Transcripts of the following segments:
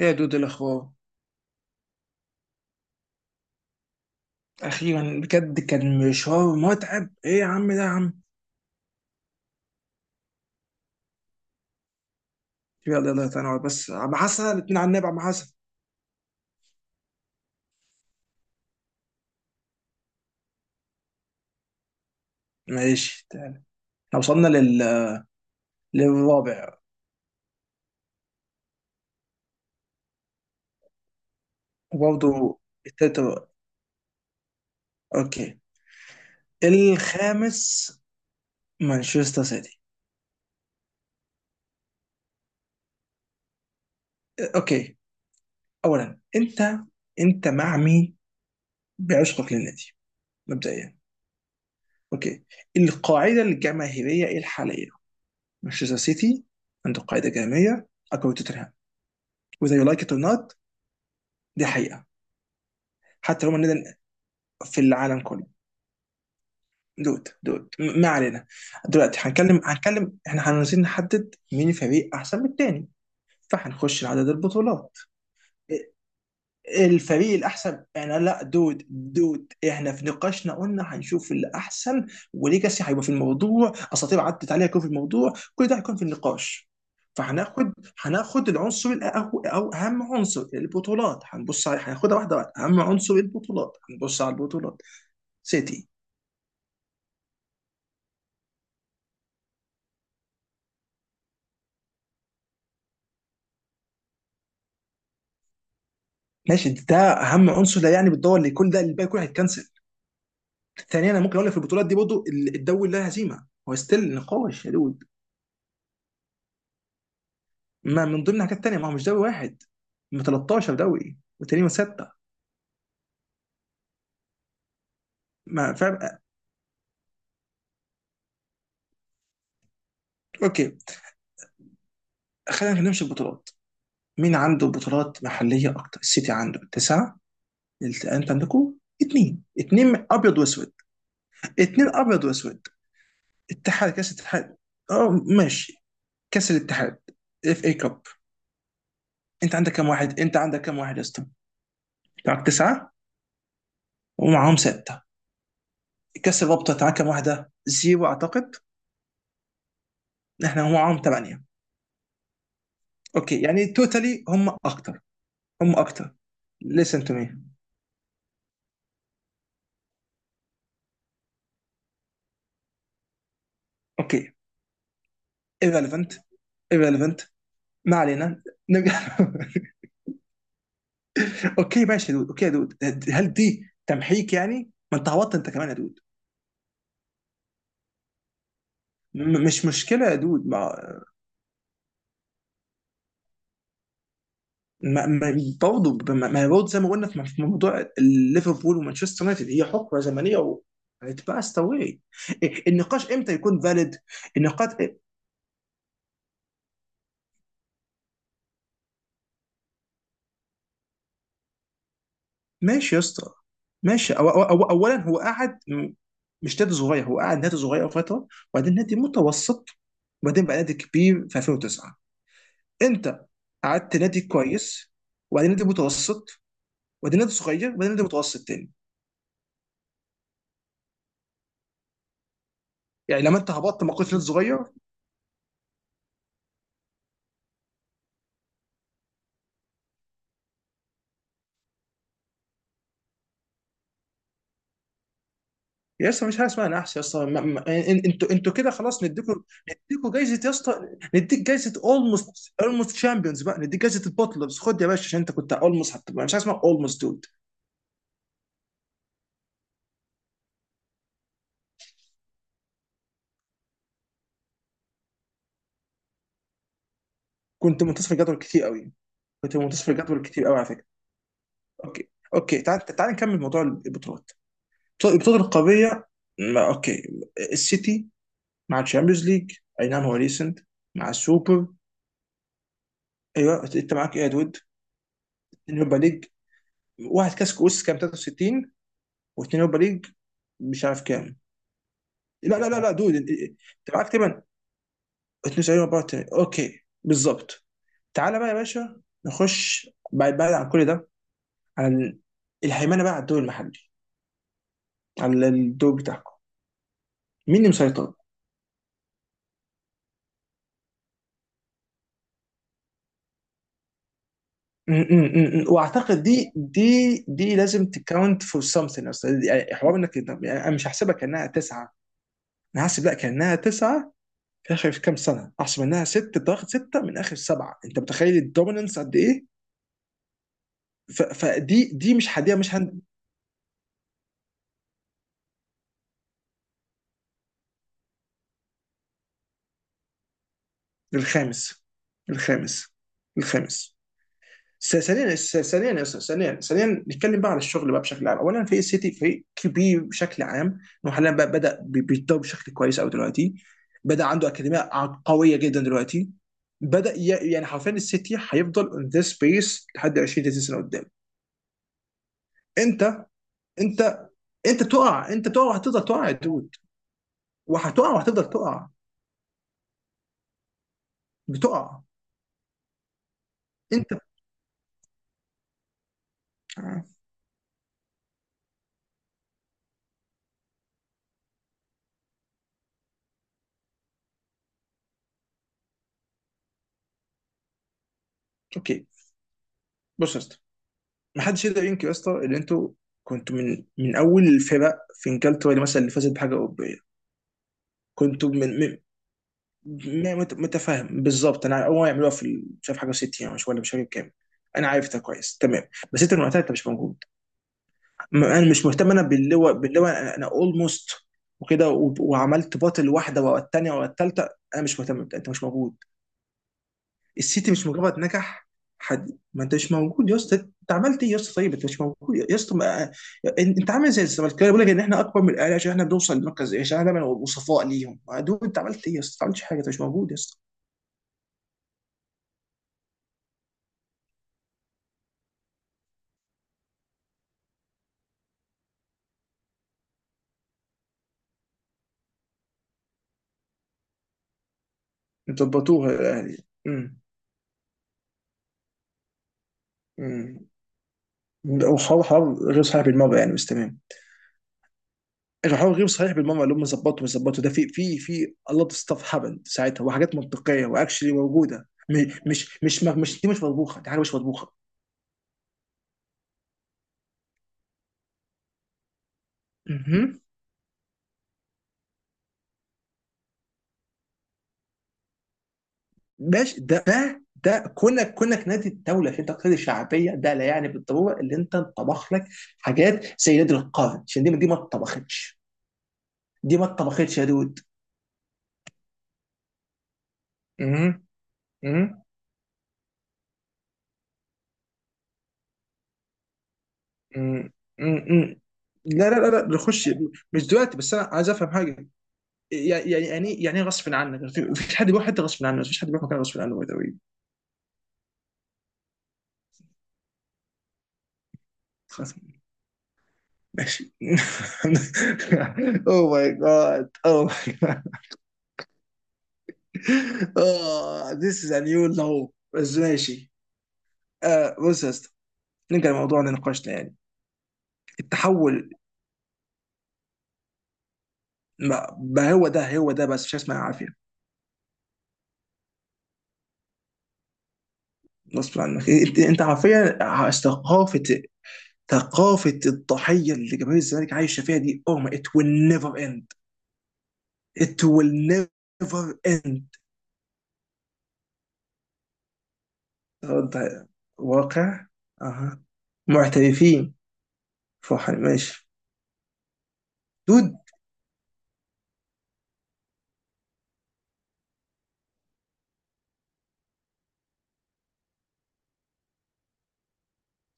ايه يا دود، إيه الاخبار؟ اخيرا بجد، كان مشوار متعب. ايه يا عم ده يا عم. يلا تعالى نقعد بس عم حسن. الاتنين على النبي عم حسن. ماشي تعالى. احنا وصلنا لل... للرابع. وبرضه التالت. اوكي. الخامس مانشستر سيتي. اوكي، اولا انت مع مين؟ بعشقك للنادي، مبدئيا. اوكي، القاعده الجماهيريه إيه الحاليه؟ مانشستر سيتي عنده قاعده جماهيريه اقوى. توتنهام whether you like it or not، دي حقيقة. حتى لو هم النادي في العالم كله. دود، ما علينا. دلوقتي هنتكلم، احنا عايزين نحدد مين الفريق احسن من التاني، فهنخش لعدد البطولات. ا- الفريق الاحسن، انا لا، دود، احنا في نقاشنا قلنا هنشوف الاحسن. وليجاسي هيبقى في الموضوع، اساطير عدت عليها هيكون في الموضوع، كل ده هيكون في النقاش. فهناخد هناخد العنصر او اهم عنصر، البطولات، هنبص عليه. هناخدها واحده واحده. اهم عنصر البطولات، هنبص على البطولات. سيتي. ماشي، ده اهم عنصر لا يعني بالدور، اللي يكون ده الباقي كله هيتكنسل. ثانيا انا ممكن اقول لك في البطولات دي برضه، الدوري لا هزيمه، هو ستيل نقاش يا دود. ما من ضمن حاجات تانيه، ما هو مش دوري واحد، من 13 دوري والتاني من 6. ما فاهم. اوكي، خلينا نمشي البطولات. مين عنده بطولات محليه اكتر؟ السيتي عنده 9. انت عندكم اثنين، اثنين ابيض واسود. اثنين ابيض واسود. اتحاد، كاس الاتحاد. اه ماشي. كاس الاتحاد، اف اي كاب. انت عندك كام واحد؟ يا اسطى؟ معاك 9، ومعاهم 6. كاس الرابطه تعاكم واحده، زيرو اعتقد. احنا هم معاهم 8. اوكي، يعني توتالي هم اكتر. هم اكتر. Listen to me. اوكي. Irrelevant. Irrelevant. ما علينا، نرجع. اوكي ماشي يا دود، اوكي يا دود. هل دي تمحيك يعني؟ ما انت هبطت انت كمان يا دود. مش مشكله يا دود. ما ما ما برضه ما ما برضه زي ما قلنا في موضوع ليفربول ومانشستر يونايتد، هي حقبه زمنيه، و it passed away. إيه، النقاش امتى يكون فاليد؟ النقاش إيه، ماشي يا اسطى. ماشي، أو اولا هو قعد، مش نادي صغير. هو قعد نادي صغير فتره، وبعدين نادي متوسط، وبعدين بقى نادي كبير في 2009. انت قعدت نادي كويس، وبعدين نادي متوسط، وبعدين نادي صغير، وبعدين نادي متوسط تاني. يعني لما انت هبطت ما كنتش نادي صغير. يا اسطى مش حاجه اسمها نحس يا اسطى. انتوا كده خلاص نديكوا. نديكوا جايزه يا اسطى. نديك جايزه اولموست. اولموست شامبيونز بقى، نديك جايزه البطلرز، خد يا باشا عشان انت كنت اولموست. هتبقى مش حاجه اسمها اولموست دود. كنت منتصف الجدول كتير قوي. كنت منتصف الجدول كتير قوي على فكره. اوكي. اوكي، تعال نكمل موضوع البطولات. طيب، البطوله القاريه. اوكي. السيتي مع الشامبيونز ليج، اي نعم هو ريسنت، مع السوبر. ايوه انت معاك ايه يا دود؟ اليوروبا ليج، واحد كاس كؤوس كام 63، واثنين يوروبا ليج. مش عارف كام. لا دود، أنت معاك تقريبا 72 مباراه تاني. اوكي بالظبط. تعالى بقى يا باشا نخش بعد بعد عن كل ده، على الهيمنه بقى على الدوري المحلي، على الدوري بتاعكم. مين اللي مسيطر؟ م- م- م- م. واعتقد دي لازم تكاونت فور something اصلا. يعني حوار انك يعني انا مش هحسبها كانها تسعه. انا هحسب لا كانها تسعه في اخر كام سنه. احسب انها ست، تاخد سته من اخر سبعه. انت متخيل الدوميننس قد ايه؟ فدي مش هديها، مش هن... الخامس. الخامس. الخامس. ثانيا يا أستاذ، ثانيا ثانيا، نتكلم بقى على الشغل بقى بشكل عام. اولا فريق السيتي فريق كبير بشكل عام، انه حاليا بقى بدا بيتطور بشكل كويس قوي دلوقتي. بدا عنده اكاديميه قويه جدا دلوقتي. بدا ي- يعني حرفيا السيتي هيفضل اون ذيس بيس لحد 20 30 سنه قدام. انت انت انت تقع. انت تقع وهتفضل تقع يا دود. وهتقع وهتفضل تقع. بتقع انت. آه، اوكي، بص يا أستاذ، ما حدش يقدر ينكر يا اسطى ان انتوا كنتوا من اول الفرق في انجلترا اللي مثلا اللي فازت بحاجه اوروبيه. كنتوا من، من. متفاهم بالظبط. انا اول ما يعملوها في مش عارف حاجه 60، او مش، ولا مش فاكر كام. انا عارف ده كويس تمام. بس انت من وقتها انت مش موجود. انا مش مهتم. انا باللواء، باللواء، انا اولموست، وكده، وعملت باطل واحده ورا الثانيه ورا الثالثه. انا مش مهتم، انت مش موجود. السيتي مش مجرد نجح. حد ما، انت مش موجود يا اسطى. انت عملت ايه يا اسطى؟ طيب انت مش موجود يا اسطى، ما... انت عامل زي الزمالكاويه بيقول لك ان احنا اكبر من الاهلي عشان احنا بنوصل للمركز، عشان احنا دايما وصفاء ليهم. ما دول انت عملت ايه يا اسطى؟ ما عملتش حاجه، انت مش موجود يا اسطى. انت ضبطوها الاهلي. امم. امم. وحوار، حوار غير صحيح بالمره يعني، بس تمام. الحوار غير صحيح بالمره، اللي هم ظبطوا مش ظبطوا ده، في الله، ستاف هبل ساعتها، وحاجات منطقيه واكشلي موجوده، مش مش مش مش دي مش مطبوخه، دي حاجه مش مطبوخه. ماشي، ده كونك، كونك نادي الدوله عشان تقتضي الشعبيه، ده لا يعني بالضروره اللي انت تطبخ لك حاجات زي نادي القرن، عشان دي ما اتطبختش. دي ما اتطبختش يا دود. مم. مم. مم. مم. لا نخش، مش دلوقتي، بس انا عايز افهم حاجه. يعني إيه غصب عنك؟ مفيش حد بيروح حته غصب عنه، مفيش حد بيروح مكان غصب عنه by the way. خلاص ماشي. اوه ماي جاد، اوه ماي. اه، this is a new low، بس ماشي. آه بص يا اسطى، نرجع لموضوع نقاشنا يعني. التحول. ما هو ده، هو ده، بس مش اسمها عافيه. غصب عنك. انت حرفيا ثقافه، ثقافه الضحيه اللي جماهير الزمالك عايشه فيها دي، oh my it will never end. It will never end. ده واقع. اها. معترفين. فرحان ماشي. دود.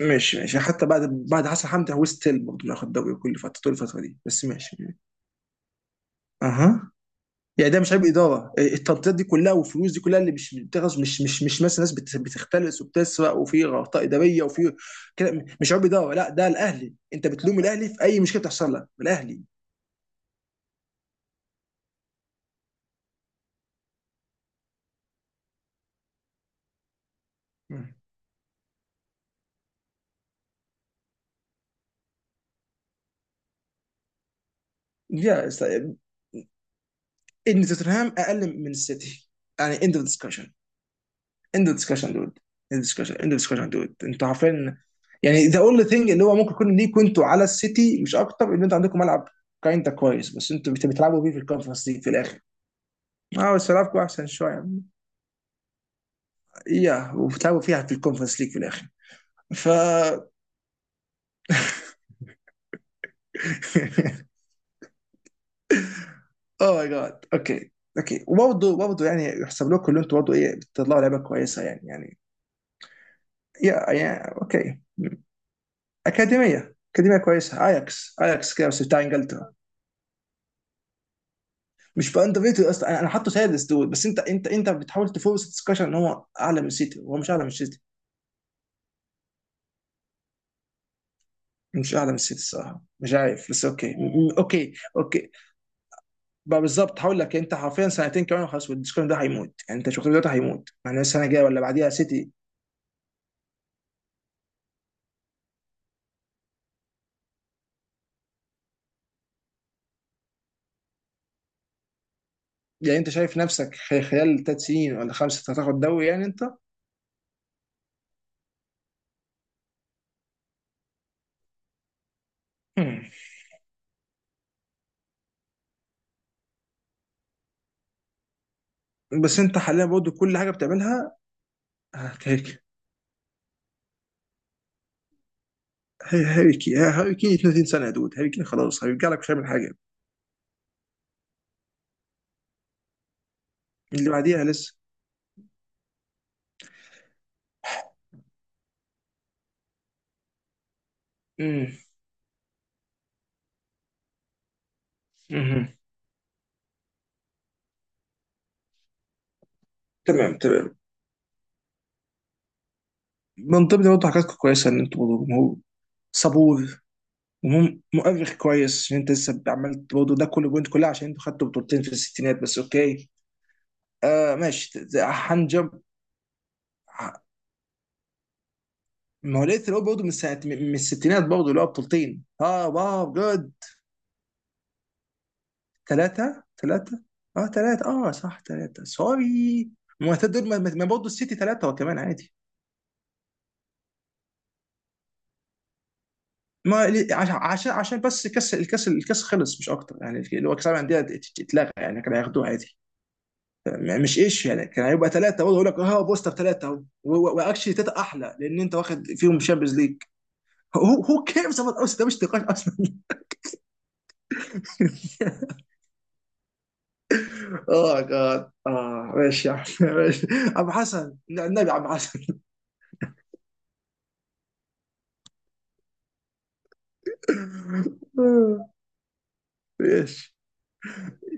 ماشي ماشي، يعني حتى بعد، بعد حسن حمدي هو ستيل برضه بياخد دوري كل فتره، طول الفتره دي، بس ماشي. اها. يعني ده مش عيب اداره؟ التنطيط دي كلها والفلوس دي كلها اللي مش بتغز، مش مش مش مثلا ناس بتختلس وبتسرق، وفي اخطاء اداريه، وفي كده. مش عيب اداره، لا ده الاهلي، انت بتلوم الاهلي في اي مشكله بتحصل لك، الاهلي. مم. يا اسطى، ان توتنهام اقل من السيتي. يعني اند اوف ديسكشن. اند ديسكشن دود. اند ديسكشن. اند ديسكشن دود، انتوا عارفين. يعني ذا اونلي ثينج اللي هو ممكن يكون ليكوا انتوا على السيتي مش اكتر، ان انتوا عندكم ملعب كاينتا كويس، بس انتوا بتلعبوا بيه في الكونفرنس ليج في الاخر. اه بس لعبكم احسن شويه يا، وبتلعبوا فيها في الكونفرنس ليج في الاخر. ف... اوه ماي جاد. اوكي. اوكي، وبرضه يعني يحسب لكم اللي انتوا برضه، ايه، بتطلعوا لعيبه كويسه يعني يعني، يا اوكي، اكاديميه كويسه، اياكس كده بس بتاع انجلترا. مش بأندر ريتد اصلا، أنا حاطه سادس دول، بس انت انت بتحاول تفورس الدسكشن ان هو اعلى من السيتي. هو مش اعلى من السيتي. مش اعلى من السيتي الصراحه. مش عارف بس اوكي. اوكي، بقى بالظبط، هقول لك انت حرفيا سنتين كمان وخلاص والدسكشن ده هيموت. يعني انت شفت دلوقتي هيموت يعني، السنه الجايه ولا بعديها سيتي. يعني انت شايف نفسك خلال ثلاث سنين ولا خمسه هتاخد دوري يعني انت؟ مم. بس انت حاليا برضه كل حاجه بتعملها. آه، هيك، هاري كين 32 سنه يا دود. هاري كين خلاص، هيرجع لك مش هيعمل حاجه. اللي بعديها لسه. مم. تمام تمام. من ضمن برضه حاجات كويسه، ان انتوا برضه جمهور صبور، جمهور مؤرخ كويس، ان انت لسه عملت برضه ده كله بوينت كلها، عشان انتوا خدتوا بطولتين في الستينات بس، اوكي. آه ماشي. هنجم. ه- ما هو لقيت الأول برضه من ساعه، من من الستينات برضه اللي هو بطولتين، اه واو جود. ثلاثه ثلاثه. اه ثلاثه اه صح، ثلاثه، سوري. ما هو دول، ما برضه السيتي ثلاثه وكمان عادي. ما لي- عش- عشان عشان بس الكاس، الكاس خلص مش اكتر يعني، اللي هو كاس العالم للانديه اتلغى يعني، كانوا هياخدوه عادي. مش ايش يعني، كان هيبقى ثلاثه اقول لك، اه بوستر ثلاثه اهو. واكشلي ثلاثه احلى لان انت واخد فيهم شامبيونز ليج. هو، هو كيرز اباوت اوس، ده مش نقاش اصلا. اه جاد، اه ماشي يا عم، ماشي. عم حسن، النبي عم حسن. ماشي،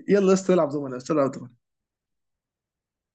يلا يا اسطى العب دومنا، يا اسطى العب دومنا.